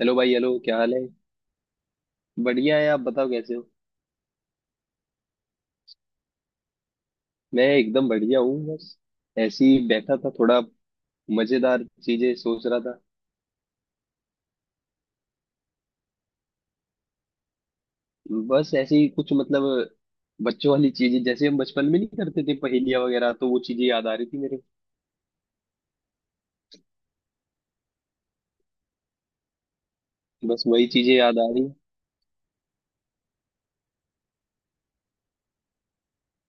Hello भाई। Hello, क्या हाल है। बढ़िया है, आप बताओ कैसे हो। मैं एकदम बढ़िया हूँ। बस ऐसे ही बैठा था, थोड़ा मजेदार चीजें सोच रहा था। बस ऐसे ही कुछ, मतलब बच्चों वाली चीजें जैसे हम बचपन में नहीं करते थे पहेलियाँ वगैरह, तो वो चीजें याद आ रही थी मेरे। बस वही चीजें याद आ रही।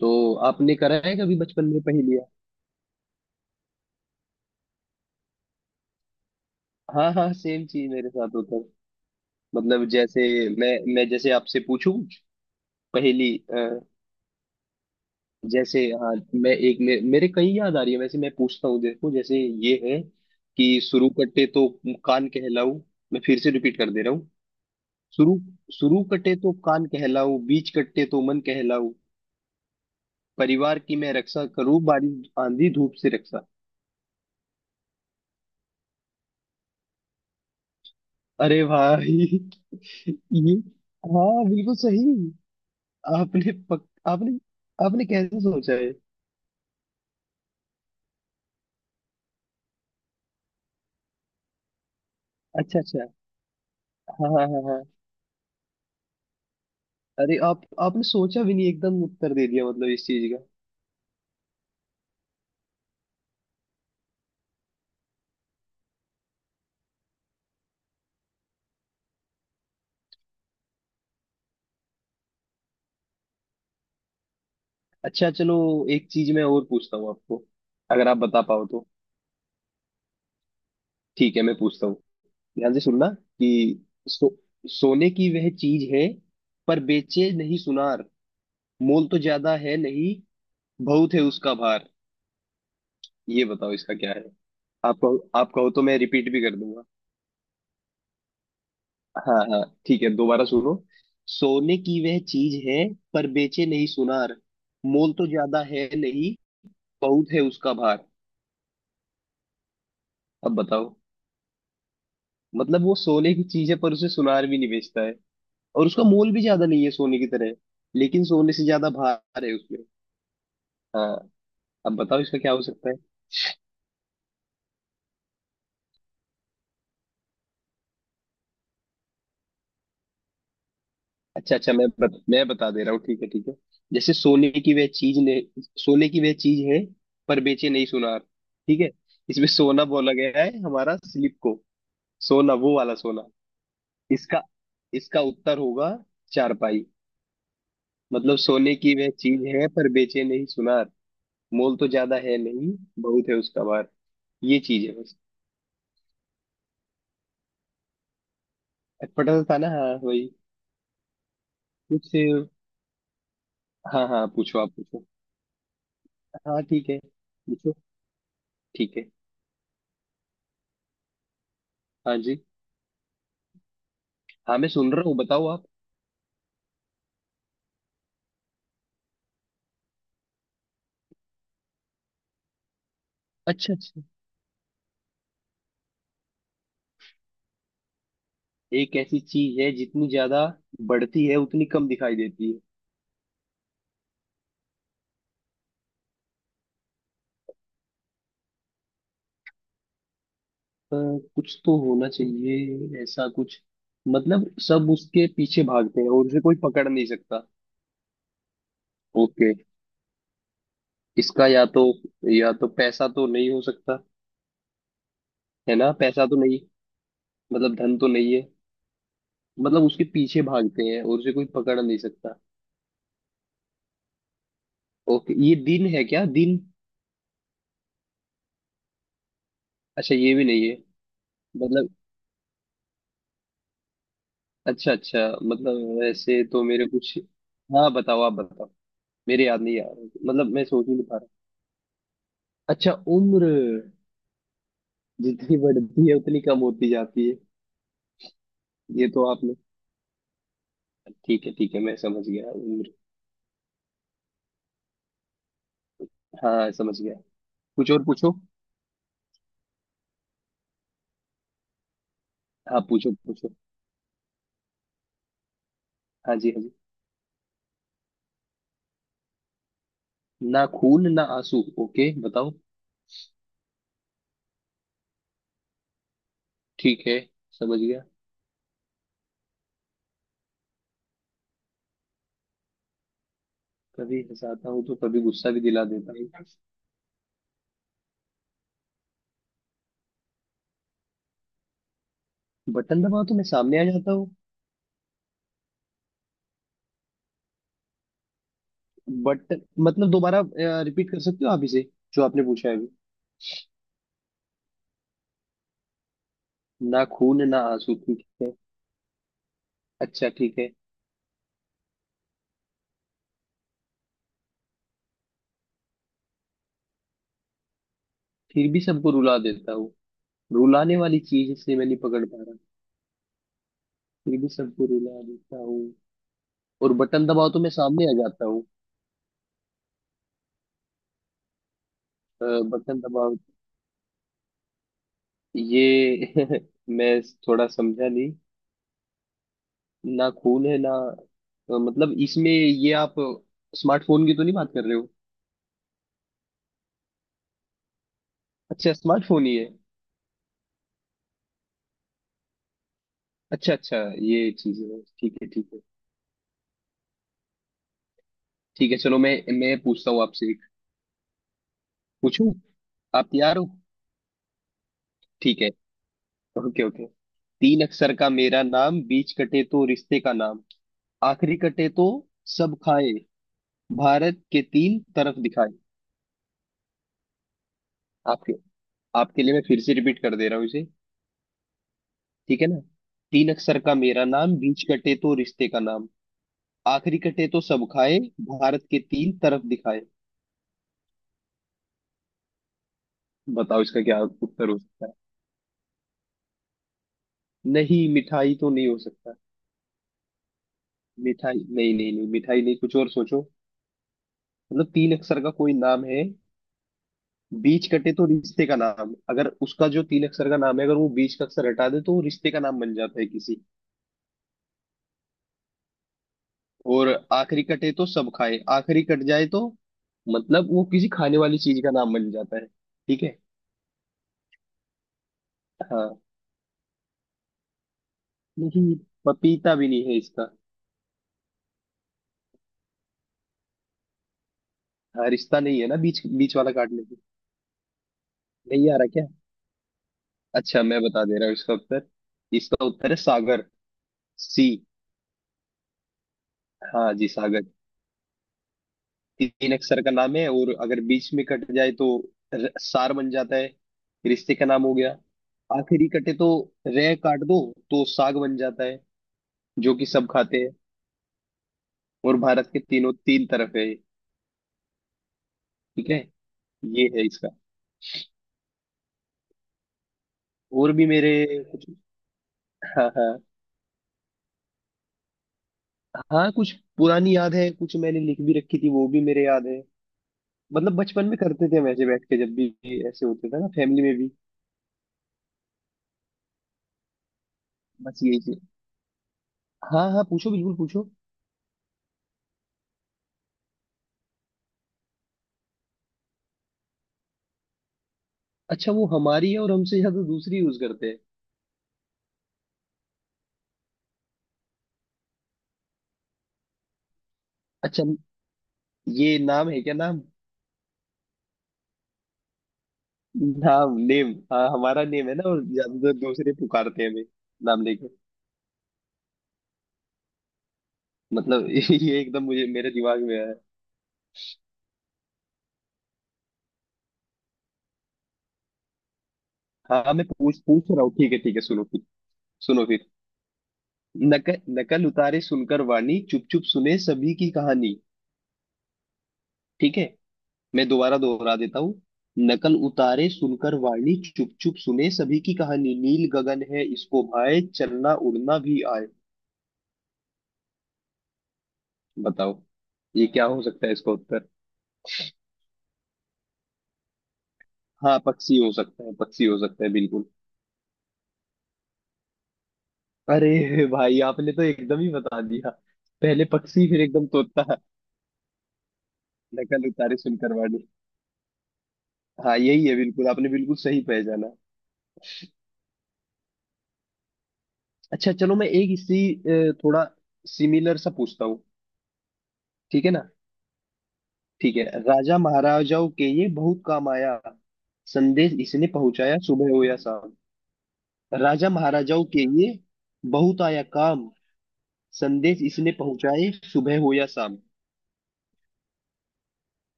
तो आपने करा है कभी बचपन में पहेलियाँ। हाँ हाँ, सेम चीज मेरे साथ होता है। मतलब जैसे मैं जैसे आपसे पूछूं कुछ पहेली जैसे। हाँ, मेरे कई याद आ रही है वैसे। मैं पूछता हूँ, देखो जैसे ये है कि शुरू कटे तो कान कहलाऊ। मैं फिर से रिपीट कर दे रहा हूँ। शुरू शुरू कटे तो कान कहलाऊ, बीच कटे तो मन कहलाऊ। परिवार की मैं रक्षा करूँ, बारिश आंधी धूप से रक्षा। अरे भाई ये, हाँ बिल्कुल सही। आपने, आपने कैसे सोचा है। अच्छा अच्छा। हाँ हाँ हाँ हाँ। अरे आप, आपने सोचा भी नहीं, एकदम उत्तर दे दिया मतलब इस चीज का। अच्छा चलो, एक चीज मैं और पूछता हूँ आपको, अगर आप बता पाओ तो। ठीक है, मैं पूछता हूँ। ध्यान से सुनना कि सोने की वह चीज है, पर बेचे नहीं सुनार। मोल तो ज्यादा है नहीं, बहुत है उसका भार। ये बताओ, इसका क्या है। आप कहो, आप कहो तो मैं रिपीट भी कर दूंगा। हाँ हाँ, ठीक है दोबारा सुनो। सोने की वह चीज है, पर बेचे नहीं सुनार। मोल तो ज्यादा है नहीं, बहुत है उसका भार। अब बताओ। मतलब वो सोने की चीज है, पर उसे सुनार भी नहीं बेचता है। और उसका मोल भी ज्यादा नहीं है सोने की तरह, लेकिन सोने से ज्यादा भार है उसमें। हाँ, अब बताओ इसका क्या हो सकता है। अच्छा अच्छा, मैं बता दे रहा हूँ। ठीक है ठीक है। जैसे सोने की वह चीज ने, सोने की वह चीज है, पर बेचे नहीं सुनार। ठीक है। इसमें सोना बोला गया है हमारा स्लिप को। सोना, वो वाला सोना। इसका इसका उत्तर होगा चारपाई। मतलब सोने की वह चीज है, पर बेचे नहीं सुनार। मोल तो ज्यादा है नहीं, बहुत है उसका भार। ये चीज है बस। अटपटा सा था ना, हाँ वही। कुछ। हाँ हाँ, पूछो आप पूछो। हाँ ठीक है, पूछो। ठीक है। हाँ जी। हाँ, मैं सुन रहा हूँ, बताओ आप। अच्छा अच्छा। एक ऐसी चीज है जितनी ज्यादा बढ़ती है उतनी कम दिखाई देती है। अ, कुछ तो होना चाहिए ऐसा कुछ। मतलब सब उसके पीछे भागते हैं और उसे कोई पकड़ नहीं सकता। ओके, इसका या तो, या तो पैसा तो नहीं हो सकता। है ना, पैसा तो नहीं। मतलब धन तो नहीं है। मतलब उसके पीछे भागते हैं और उसे कोई पकड़ नहीं सकता। ओके, ये दिन है क्या, दिन। अच्छा, ये भी नहीं है। मतलब। अच्छा अच्छा, मतलब वैसे तो मेरे कुछ। हाँ बताओ, आप बताओ, मेरे याद नहीं आ रहा। मतलब मैं सोच ही नहीं पा रहा। अच्छा उम्र, जितनी बढ़ती है उतनी कम होती जाती है। ये तो आपने, ठीक है ठीक है, मैं समझ गया उम्र। हाँ समझ गया। कुछ और पूछो। हाँ पूछो पूछो। हाँ जी हाँ जी। ना खून ना आंसू, ओके बताओ। ठीक है, समझ गया। कभी हंसाता हूँ तो कभी गुस्सा भी दिला देता हूँ, बटन दबाओ तो मैं सामने आ जाता हूँ। बट, मतलब दोबारा रिपीट कर सकते हो आप इसे, जो आपने पूछा है अभी। ना खून ना आंसू, ठीक है। अच्छा ठीक है। फिर भी सबको रुला देता हूँ, रुलाने वाली चीज से मैं नहीं पकड़ पा रहा। फिर भी सबको रुला देता हूँ, और बटन दबाओ तो मैं सामने आ जाता हूँ। अ, बटन दबाओ, ये मैं थोड़ा समझा नहीं। ना खून है ना, मतलब इसमें ये आप स्मार्टफोन की तो नहीं बात कर रहे हो। अच्छा, स्मार्टफोन ही है। अच्छा अच्छा, ये चीज है। ठीक है ठीक है। ठीक है चलो, मैं पूछता हूँ आपसे एक। पूछूं, आप तैयार हो। ठीक है, ओके ओके। तीन अक्षर का मेरा नाम, बीच कटे तो रिश्ते का नाम, आखिरी कटे तो सब खाए, भारत के तीन तरफ दिखाए। आपके आपके लिए मैं फिर से रिपीट कर दे रहा हूँ इसे, ठीक है ना। तीन अक्षर का मेरा नाम, बीच कटे तो रिश्ते का नाम, आखिरी कटे तो सब खाए, भारत के तीन तरफ दिखाए। बताओ इसका क्या उत्तर हो सकता है। नहीं, मिठाई तो नहीं हो सकता। मिठाई नहीं नहीं नहीं, मिठाई नहीं, कुछ और सोचो। मतलब तीन अक्षर का कोई नाम है। बीच कटे तो रिश्ते का नाम, अगर उसका जो तीन अक्षर का नाम है, अगर वो बीच का अक्षर हटा दे तो वो रिश्ते का नाम बन जाता है किसी। और आखिरी कटे तो सब खाए, आखिरी कट जाए तो मतलब वो किसी खाने वाली चीज का नाम बन जाता है। ठीक है। हाँ, नहीं, पपीता भी नहीं है इसका। हाँ, रिश्ता नहीं है ना बीच, बीच वाला काटने से। नहीं आ रहा क्या। अच्छा, मैं बता दे रहा हूँ इसका उत्तर। इसका उत्तर है सागर। सी, हाँ जी सागर। तीन अक्षर का नाम है, और अगर बीच में कट जाए तो सार बन जाता है, रिश्ते का नाम हो गया। आखिरी कटे तो, रह काट दो तो साग बन जाता है, जो कि सब खाते हैं। और भारत के तीनों, तीन तरफ है ये। ठीक है, ये है इसका। और भी मेरे। हाँ हाँ हाँ, कुछ पुरानी याद है, कुछ मैंने लिख भी रखी थी, वो भी मेरे याद है। मतलब बचपन में करते थे हम, ऐसे बैठ के जब भी ऐसे होते थे ना फैमिली में भी। बस यही चीज। हाँ हाँ, पूछो बिल्कुल पूछो। अच्छा, वो हमारी है और हमसे ज्यादा दूसरी यूज करते हैं। अच्छा, ये नाम है क्या, नाम। नाम, नेम। हाँ हमारा नेम है ना, और ज्यादातर दूसरे पुकारते हैं हमें नाम लेके। मतलब ये एकदम मुझे मेरे दिमाग में आया है। हाँ, मैं पूछ पूछ रहा हूँ, ठीक है सुनो फिर। सुनो फिर। नकल नकल उतारे सुनकर वाणी, चुप चुप सुने सभी की कहानी। ठीक है, मैं दोबारा दोहरा देता हूँ। नकल उतारे सुनकर वाणी, चुप चुप सुने सभी की कहानी, नील गगन है इसको भाए, चलना उड़ना भी आए। बताओ ये क्या हो सकता है इसका उत्तर। हाँ पक्षी हो सकता है, पक्षी हो सकता है बिल्कुल। अरे भाई, आपने तो एकदम ही बता दिया, पहले पक्षी फिर एकदम तोता। नकल उतारे सुनकर वाणी, हाँ यही है बिल्कुल, आपने बिल्कुल सही पहचाना। अच्छा चलो, मैं एक इसी थोड़ा सिमिलर सा पूछता हूँ, ठीक है ना। ठीक है। राजा महाराजाओं के ये बहुत काम आया, संदेश इसने पहुंचाया सुबह हो या शाम। राजा महाराजाओं के ये बहुत आया काम, संदेश इसने पहुंचाए सुबह हो या शाम।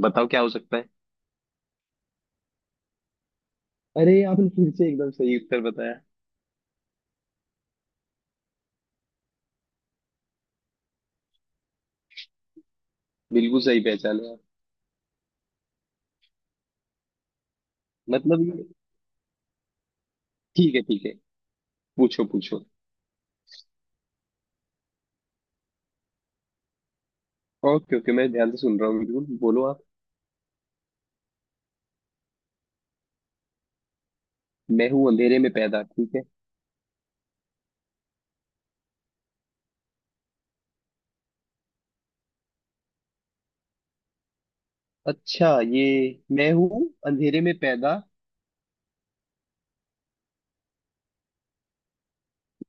बताओ क्या हो सकता है। अरे आपने फिर से एकदम सही उत्तर बताया। बिल्कुल सही पहचाने आप। मतलब ये, ठीक है ठीक है, पूछो पूछो। ओके ओके, मैं ध्यान से सुन रहा हूँ, बिल्कुल बोलो आप। मैं हूँ अंधेरे में पैदा, ठीक है। अच्छा। ये मैं हूँ अंधेरे में पैदा,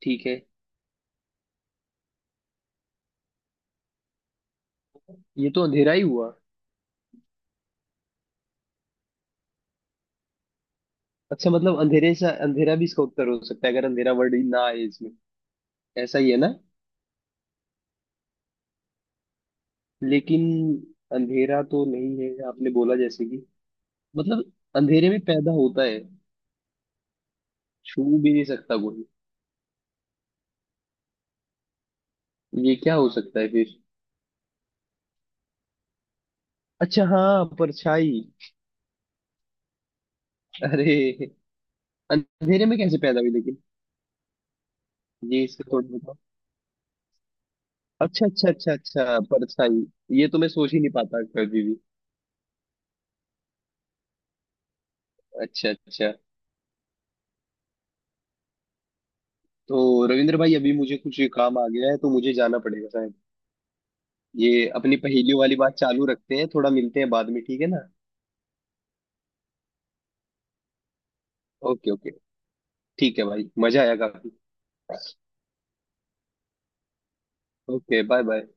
ठीक है। ये तो अंधेरा ही हुआ। अच्छा, मतलब अंधेरे से अंधेरा भी इसका उत्तर हो सकता है, अगर अंधेरा वर्ड ही ना आए इसमें। ऐसा ही है ना। लेकिन अंधेरा तो नहीं है, आपने बोला जैसे कि मतलब अंधेरे में पैदा होता है, छू भी नहीं सकता कोई। ये क्या हो सकता है फिर। अच्छा हाँ, परछाई। अरे, अंधेरे में कैसे पैदा हुई लेकिन। ये इसका थोड़ा बताओ। अच्छा अच्छा अच्छा अच्छा, परछाई। ये तो मैं सोच ही नहीं पाता कभी भी। अच्छा अच्छा। तो रविंद्र भाई, अभी मुझे कुछ काम आ गया है तो मुझे जाना पड़ेगा शायद। ये अपनी पहेलियों वाली बात चालू रखते हैं, थोड़ा मिलते हैं बाद में, ठीक है ना। Okay okay. ठीक है भाई, मजा आया काफी। Okay bye bye.